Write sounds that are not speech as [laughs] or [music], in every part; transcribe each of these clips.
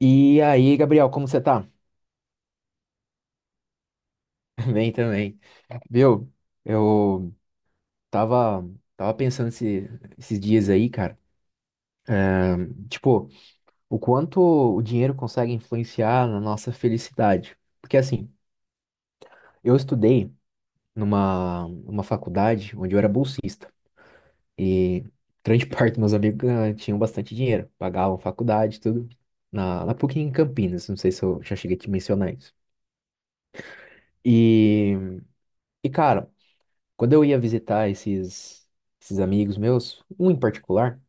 E aí, Gabriel, como você tá? [laughs] Bem também. Viu? Eu tava, tava pensando esses dias aí, cara. Tipo, o quanto o dinheiro consegue influenciar na nossa felicidade. Porque assim, eu estudei numa faculdade onde eu era bolsista. E grande [laughs] parte dos meus amigos tinham bastante dinheiro. Pagavam faculdade, e tudo. Na PUC em Campinas. Não sei se eu já cheguei a te mencionar isso. E, e cara. Quando eu ia visitar esses amigos meus, um em particular,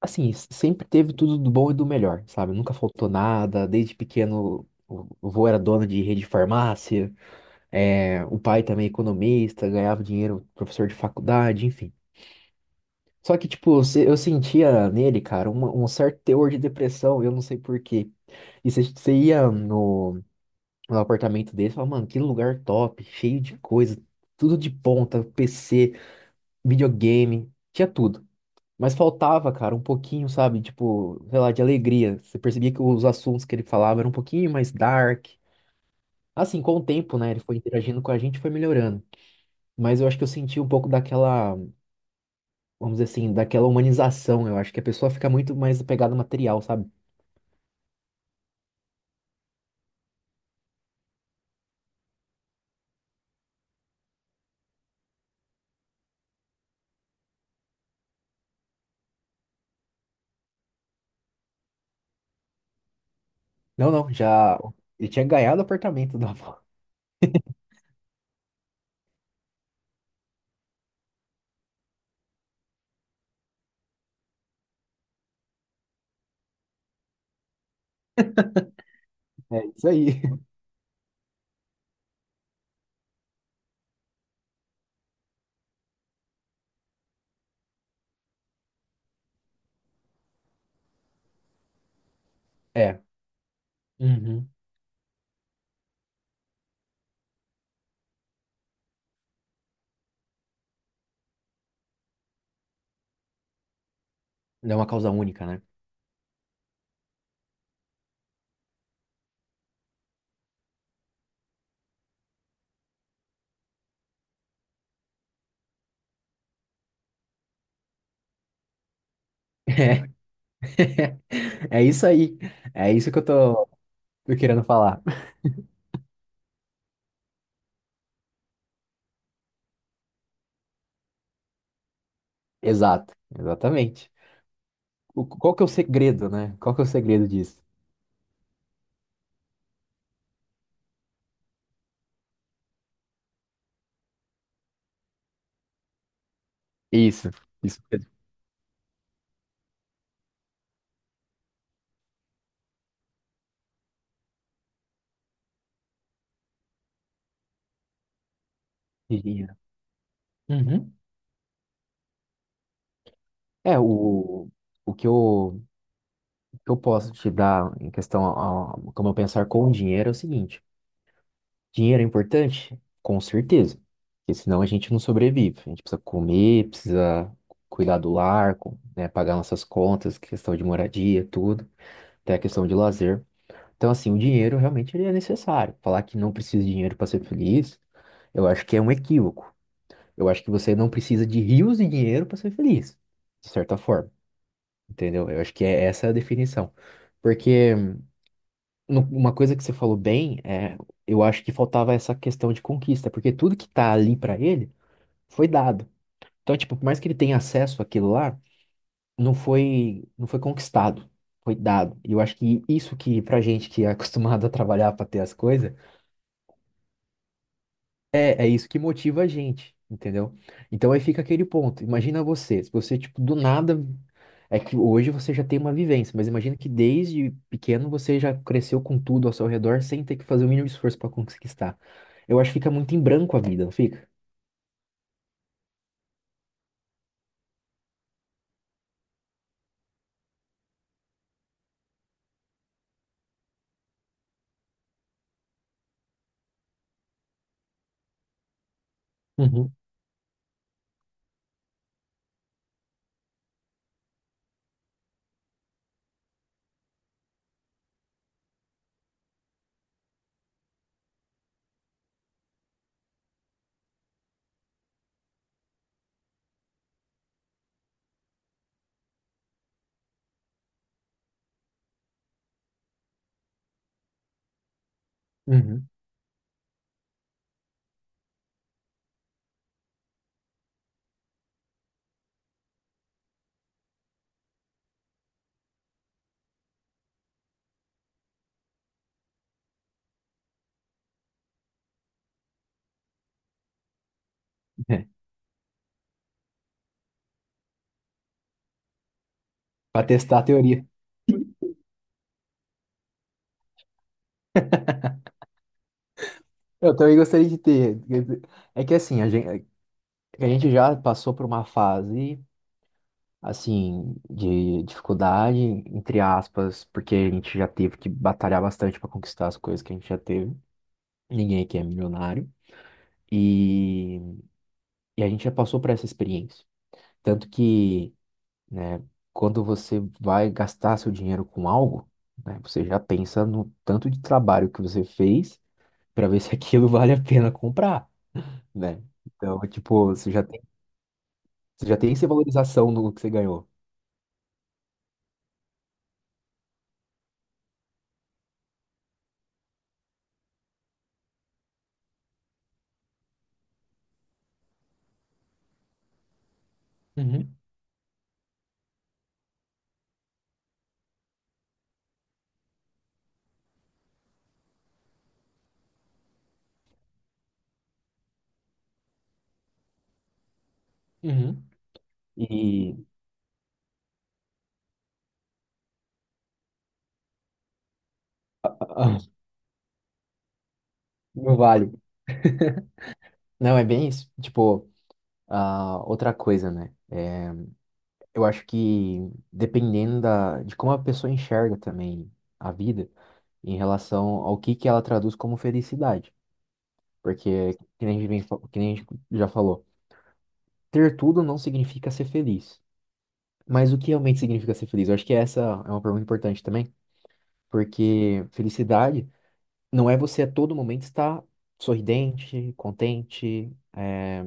assim, sempre teve tudo do bom e do melhor, sabe? Nunca faltou nada, desde pequeno o avô era dono de rede de farmácia, é, o pai também economista, ganhava dinheiro, professor de faculdade, enfim. Só que, tipo, eu sentia nele, cara, um certo teor de depressão, eu não sei por quê. E você ia no apartamento dele e falava, mano, que lugar top, cheio de coisa, tudo de ponta, PC. Videogame, tinha tudo. Mas faltava, cara, um pouquinho, sabe? Tipo, sei lá, de alegria. Você percebia que os assuntos que ele falava eram um pouquinho mais dark. Assim, com o tempo, né? Ele foi interagindo com a gente, e foi melhorando. Mas eu acho que eu senti um pouco daquela, vamos dizer assim, daquela humanização. Eu acho que a pessoa fica muito mais apegada ao material, sabe? Não, não, já. Ele tinha ganhado o apartamento da avó. [laughs] É isso aí. É. Uhum. Não é uma causa única, né? [laughs] É, é isso aí. É isso que eu tô querendo falar. Exato. Exatamente. Qual que é o segredo, né? Qual que é o segredo disso? Isso, isso mesmo. Dinheiro. Uhum. É, o que o que eu posso te dar em questão a, como eu pensar com o dinheiro é o seguinte: dinheiro é importante? Com certeza. Porque senão a gente não sobrevive. A gente precisa comer, precisa cuidar do lar, né, pagar nossas contas, questão de moradia, tudo, até a questão de lazer. Então, assim, o dinheiro realmente ele é necessário. Falar que não precisa de dinheiro para ser feliz, eu acho que é um equívoco. Eu acho que você não precisa de rios de dinheiro para ser feliz, de certa forma, entendeu? Eu acho que é essa a definição. Porque uma coisa que você falou bem é, eu acho que faltava essa questão de conquista, porque tudo que tá ali para ele foi dado. Então, tipo, por mais que ele tenha acesso àquilo lá, não foi conquistado, foi dado. E eu acho que isso que pra gente que é acostumado a trabalhar para ter as coisas, é, é isso que motiva a gente, entendeu? Então aí fica aquele ponto. Imagina você, se você, tipo, do nada. É que hoje você já tem uma vivência, mas imagina que desde pequeno você já cresceu com tudo ao seu redor sem ter que fazer o mínimo esforço para conquistar. Eu acho que fica muito em branco a vida, não fica? Uhum, uhum. É, para testar a teoria. Eu também gostaria de ter. É que assim, a gente já passou por uma fase. Assim, de dificuldade, entre aspas, porque a gente já teve que batalhar bastante para conquistar as coisas que a gente já teve. Ninguém aqui é milionário. E, e a gente já passou por essa experiência. Tanto que, né, quando você vai gastar seu dinheiro com algo, né, você já pensa no tanto de trabalho que você fez para ver se aquilo [laughs] vale a pena comprar, né? Então, tipo, você já tem essa valorização no que você ganhou. Uhum, uhum. E ah, ah, não vale Não, é bem isso. Tipo, ah, outra coisa, né? Eu acho que dependendo de como a pessoa enxerga também a vida em relação ao que ela traduz como felicidade. Porque, que nem a gente já falou, ter tudo não significa ser feliz. Mas o que realmente significa ser feliz? Eu acho que essa é uma pergunta importante também, porque felicidade não é você a todo momento estar sorridente, contente,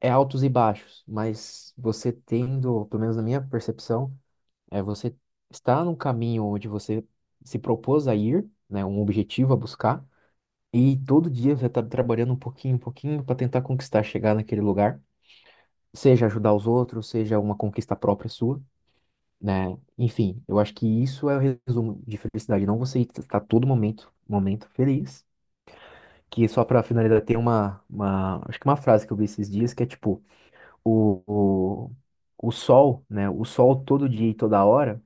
é altos e baixos, mas você tendo, pelo menos na minha percepção, é você está num caminho onde você se propôs a ir, né, um objetivo a buscar, e todo dia você está trabalhando um pouquinho para tentar conquistar, chegar naquele lugar, seja ajudar os outros, seja uma conquista própria sua, né? Enfim, eu acho que isso é o resumo de felicidade, não você estar todo momento, momento feliz. Que só para finalizar, tem acho que uma frase que eu vi esses dias que é tipo, o, o, o sol, né? O sol todo dia e toda hora,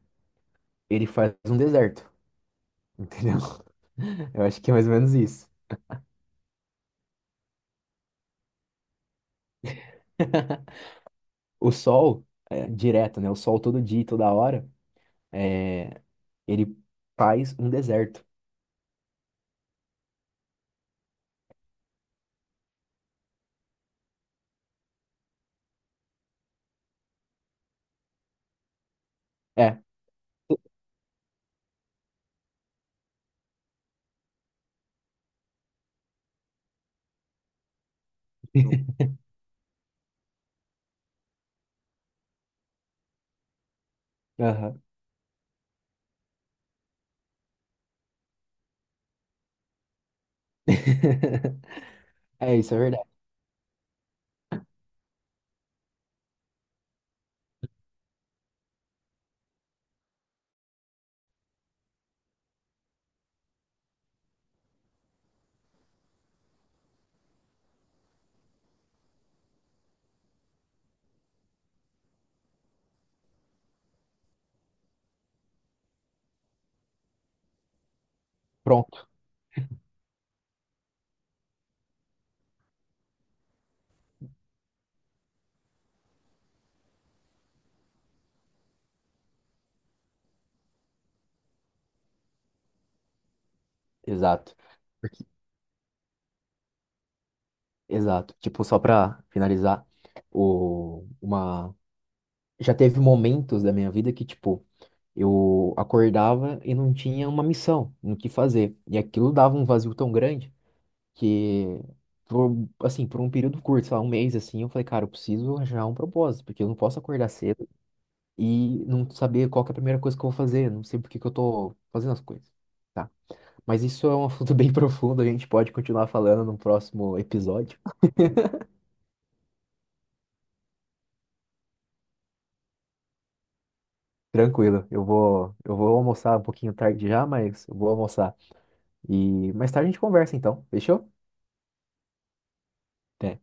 ele faz um deserto, entendeu? [laughs] Eu acho que é mais ou menos isso. [laughs] O sol, é, direto, né? O sol todo dia e toda hora, é, ele faz um deserto. É. Aham. [laughs] É isso, é verdade. Pronto. Exato. Porque- Exato. Tipo, só pra finalizar, o, uma... Já teve momentos da minha vida que, tipo, eu acordava e não tinha uma missão no que fazer. E aquilo dava um vazio tão grande que, por, assim, por um período curto, sei lá, um mês, assim, eu falei, cara, eu preciso arranjar um propósito, porque eu não posso acordar cedo e não saber qual que é a primeira coisa que eu vou fazer, não sei por que que eu tô fazendo as coisas. Tá? Mas isso é um assunto [laughs] bem profundo, a gente pode continuar falando no próximo episódio. Tranquilo, eu vou almoçar um pouquinho tarde já, mas eu vou almoçar. E mais tarde a gente conversa então, fechou? Até.